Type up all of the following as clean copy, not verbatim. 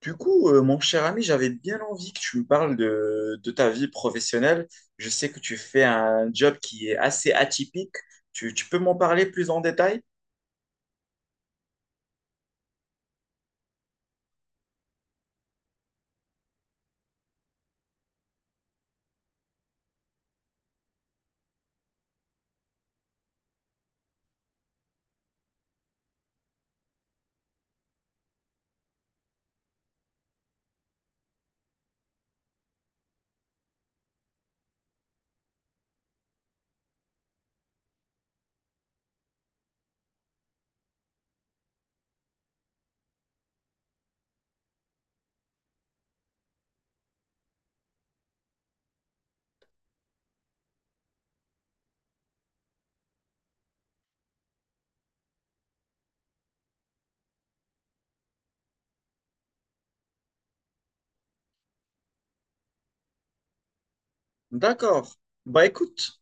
Mon cher ami, j'avais bien envie que tu me parles de ta vie professionnelle. Je sais que tu fais un job qui est assez atypique. Tu peux m'en parler plus en détail? D'accord. Bah écoute,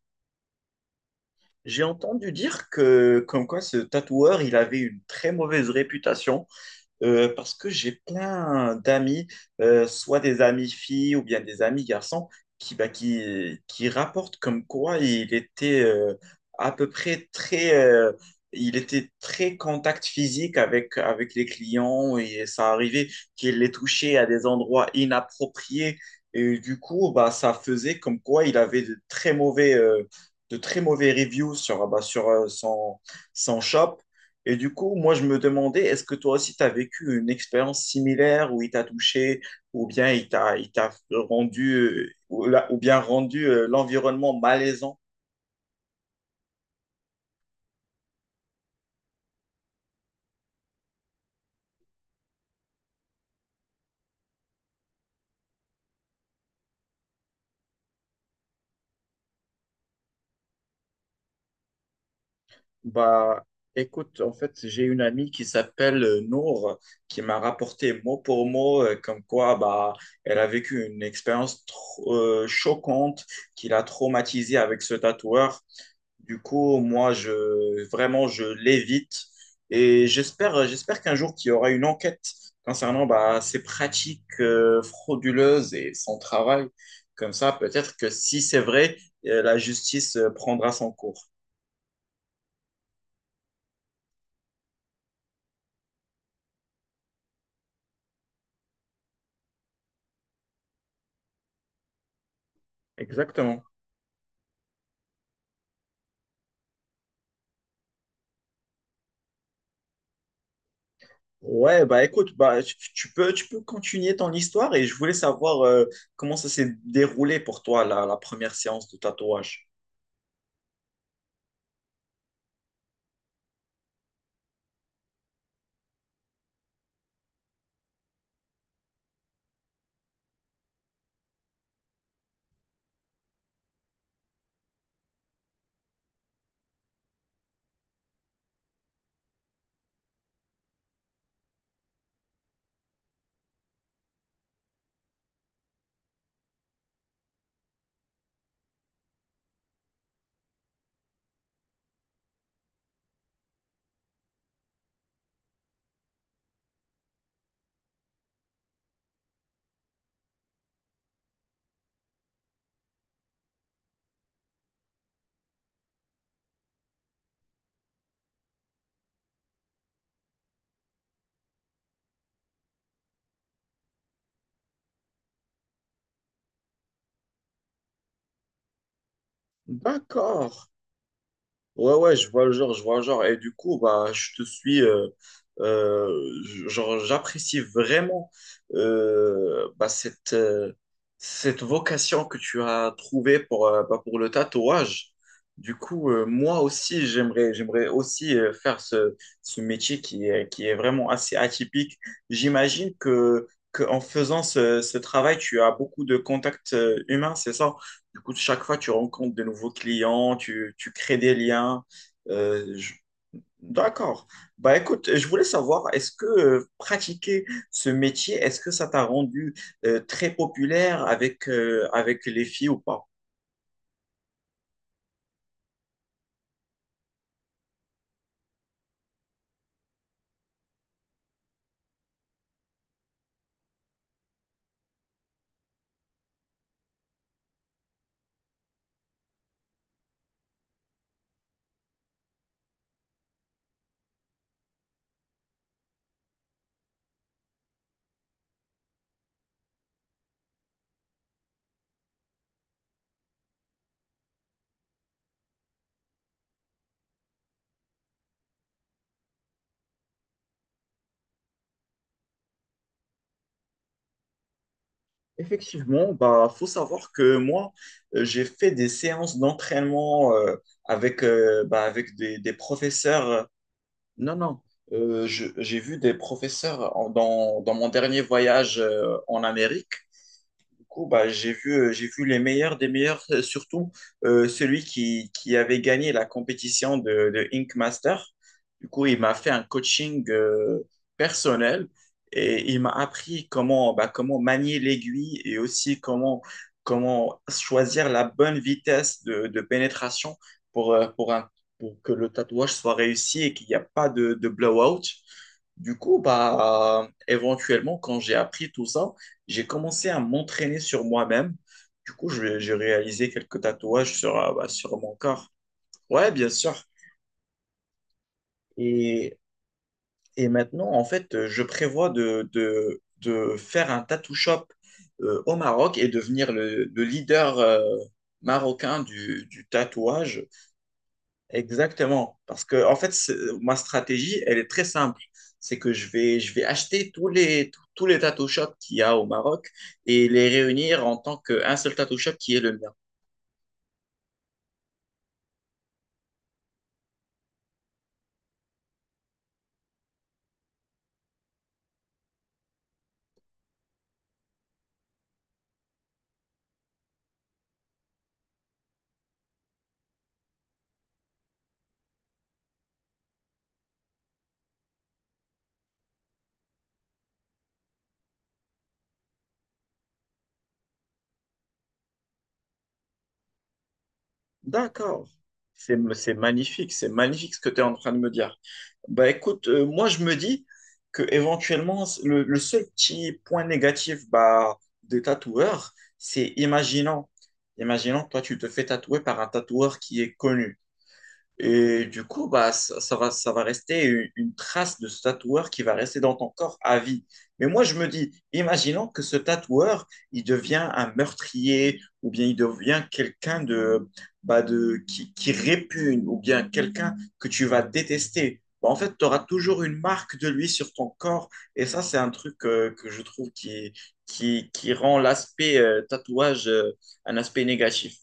j'ai entendu dire que comme quoi ce tatoueur, il avait une très mauvaise réputation. Parce que j'ai plein d'amis, soit des amis filles ou bien des amis garçons, qui rapportent comme quoi il était à peu près très, il était très contact physique avec les clients et ça arrivait qu'il les touchait à des endroits inappropriés. Et du coup, bah, ça faisait comme quoi il avait de très mauvais reviews sur son shop. Et du coup, moi, je me demandais, est-ce que toi aussi, tu as vécu une expérience similaire où il t'a touché ou bien il t'a rendu, ou, la- ou bien rendu l'environnement malaisant? Bah, écoute, en fait, j'ai une amie qui s'appelle Nour, qui m'a rapporté mot pour mot, comme quoi, bah, elle a vécu une expérience choquante qui l'a traumatisée avec ce tatoueur. Du coup, moi, je, vraiment, je l'évite. Et j'espère, j'espère qu'un jour, qu'il y aura une enquête concernant bah, ces pratiques frauduleuses et son travail. Comme ça, peut-être que si c'est vrai, la justice prendra son cours. Exactement. Ouais, bah écoute, bah, tu peux continuer ton histoire et je voulais savoir comment ça s'est déroulé pour toi, la première séance de tatouage. D'accord. Ouais, ouais, je vois le genre, je vois le genre. Et du coup, bah, je te suis, euh, genre, j'apprécie vraiment bah, cette vocation que tu as trouvée pour, bah, pour le tatouage. Du coup, moi aussi, j'aimerais aussi faire ce métier qui est vraiment assez atypique. J'imagine que en faisant ce travail, tu as beaucoup de contacts humains, c'est ça? Du coup, chaque fois, tu rencontres de nouveaux clients, tu crées des liens. Euh, je- D'accord. Bah écoute, je voulais savoir, est-ce que pratiquer ce métier, est-ce que ça t'a rendu très populaire avec les filles ou pas? Effectivement, bah faut savoir que moi, j'ai fait des séances d'entraînement avec des professeurs. Non, non, j'ai vu des professeurs dans mon dernier voyage en Amérique. Du coup, bah, j'ai vu les meilleurs des meilleurs, surtout celui qui avait gagné la compétition de Ink Master. Du coup, il m'a fait un coaching personnel et il m'a appris comment, bah, comment manier l'aiguille et aussi comment choisir la bonne vitesse de pénétration pour, euh, pour, un, pour que le tatouage soit réussi et qu'il n'y a pas de blowout. Du coup, bah, éventuellement, quand j'ai appris tout ça, j'ai commencé à m'entraîner sur moi-même. Du coup, j'ai réalisé quelques tatouages sur, bah, sur mon corps. Ouais, bien sûr. Et, et maintenant, en fait, je prévois de faire un tattoo shop au Maroc et devenir le leader marocain du tatouage. Exactement. Parce que, en fait, ma stratégie, elle est très simple. C'est que je vais acheter tous tous les tattoo shops qu'il y a au Maroc et les réunir en tant qu'un seul tattoo shop qui est le mien. D'accord. C'est magnifique. C'est magnifique ce que tu es en train de me dire. Bah écoute, moi, je me dis que éventuellement, le seul petit point négatif bah, des tatoueurs, c'est imaginons, imaginons, que toi, tu te fais tatouer par un tatoueur qui est connu. Et du coup, bah, ça va rester une trace de ce tatoueur qui va rester dans ton corps à vie. Mais moi, je me dis, imaginons que ce tatoueur, il devient un meurtrier ou bien il devient quelqu'un de, bah, de, qui répugne ou bien quelqu'un que tu vas détester. Bah, en fait, tu auras toujours une marque de lui sur ton corps. Et ça, c'est un truc que je trouve qui rend l'aspect tatouage un aspect négatif.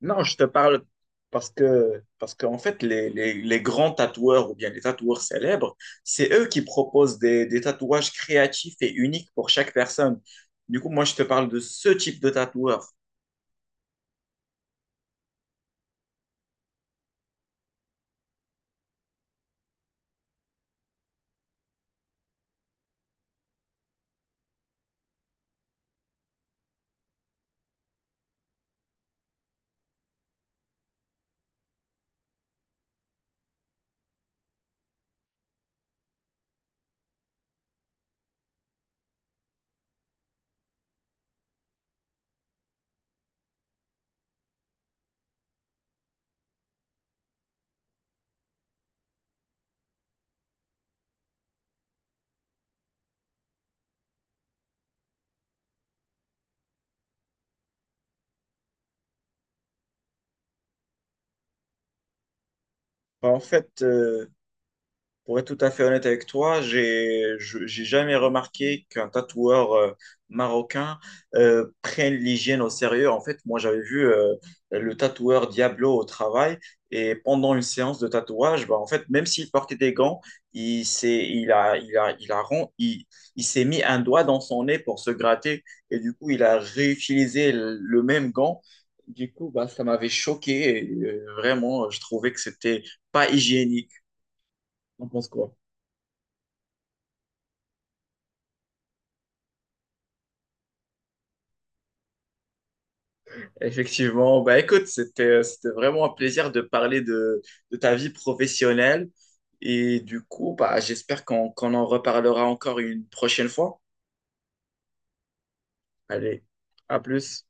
Non, je te parle parce que, parce qu'en fait, les grands tatoueurs ou bien les tatoueurs célèbres, c'est eux qui proposent des tatouages créatifs et uniques pour chaque personne. Du coup, moi, je te parle de ce type de tatoueur. En fait, euh, Pour être tout à fait honnête avec toi, j'ai jamais remarqué qu'un tatoueur marocain prenne l'hygiène au sérieux. En fait, moi, j'avais vu le tatoueur Diablo au travail et pendant une séance de tatouage, bah, en fait, même s'il portait des gants, il s'est il a il a il a ron- il s'est mis un doigt dans son nez pour se gratter et du coup, il a réutilisé le même gant. Du coup, bah, ça m'avait choqué et vraiment, je trouvais que c'était pas hygiénique. T'en penses quoi? Effectivement, bah écoute, c'était vraiment un plaisir de parler de ta vie professionnelle et du coup, bah j'espère qu'on en reparlera encore une prochaine fois. Allez, à plus.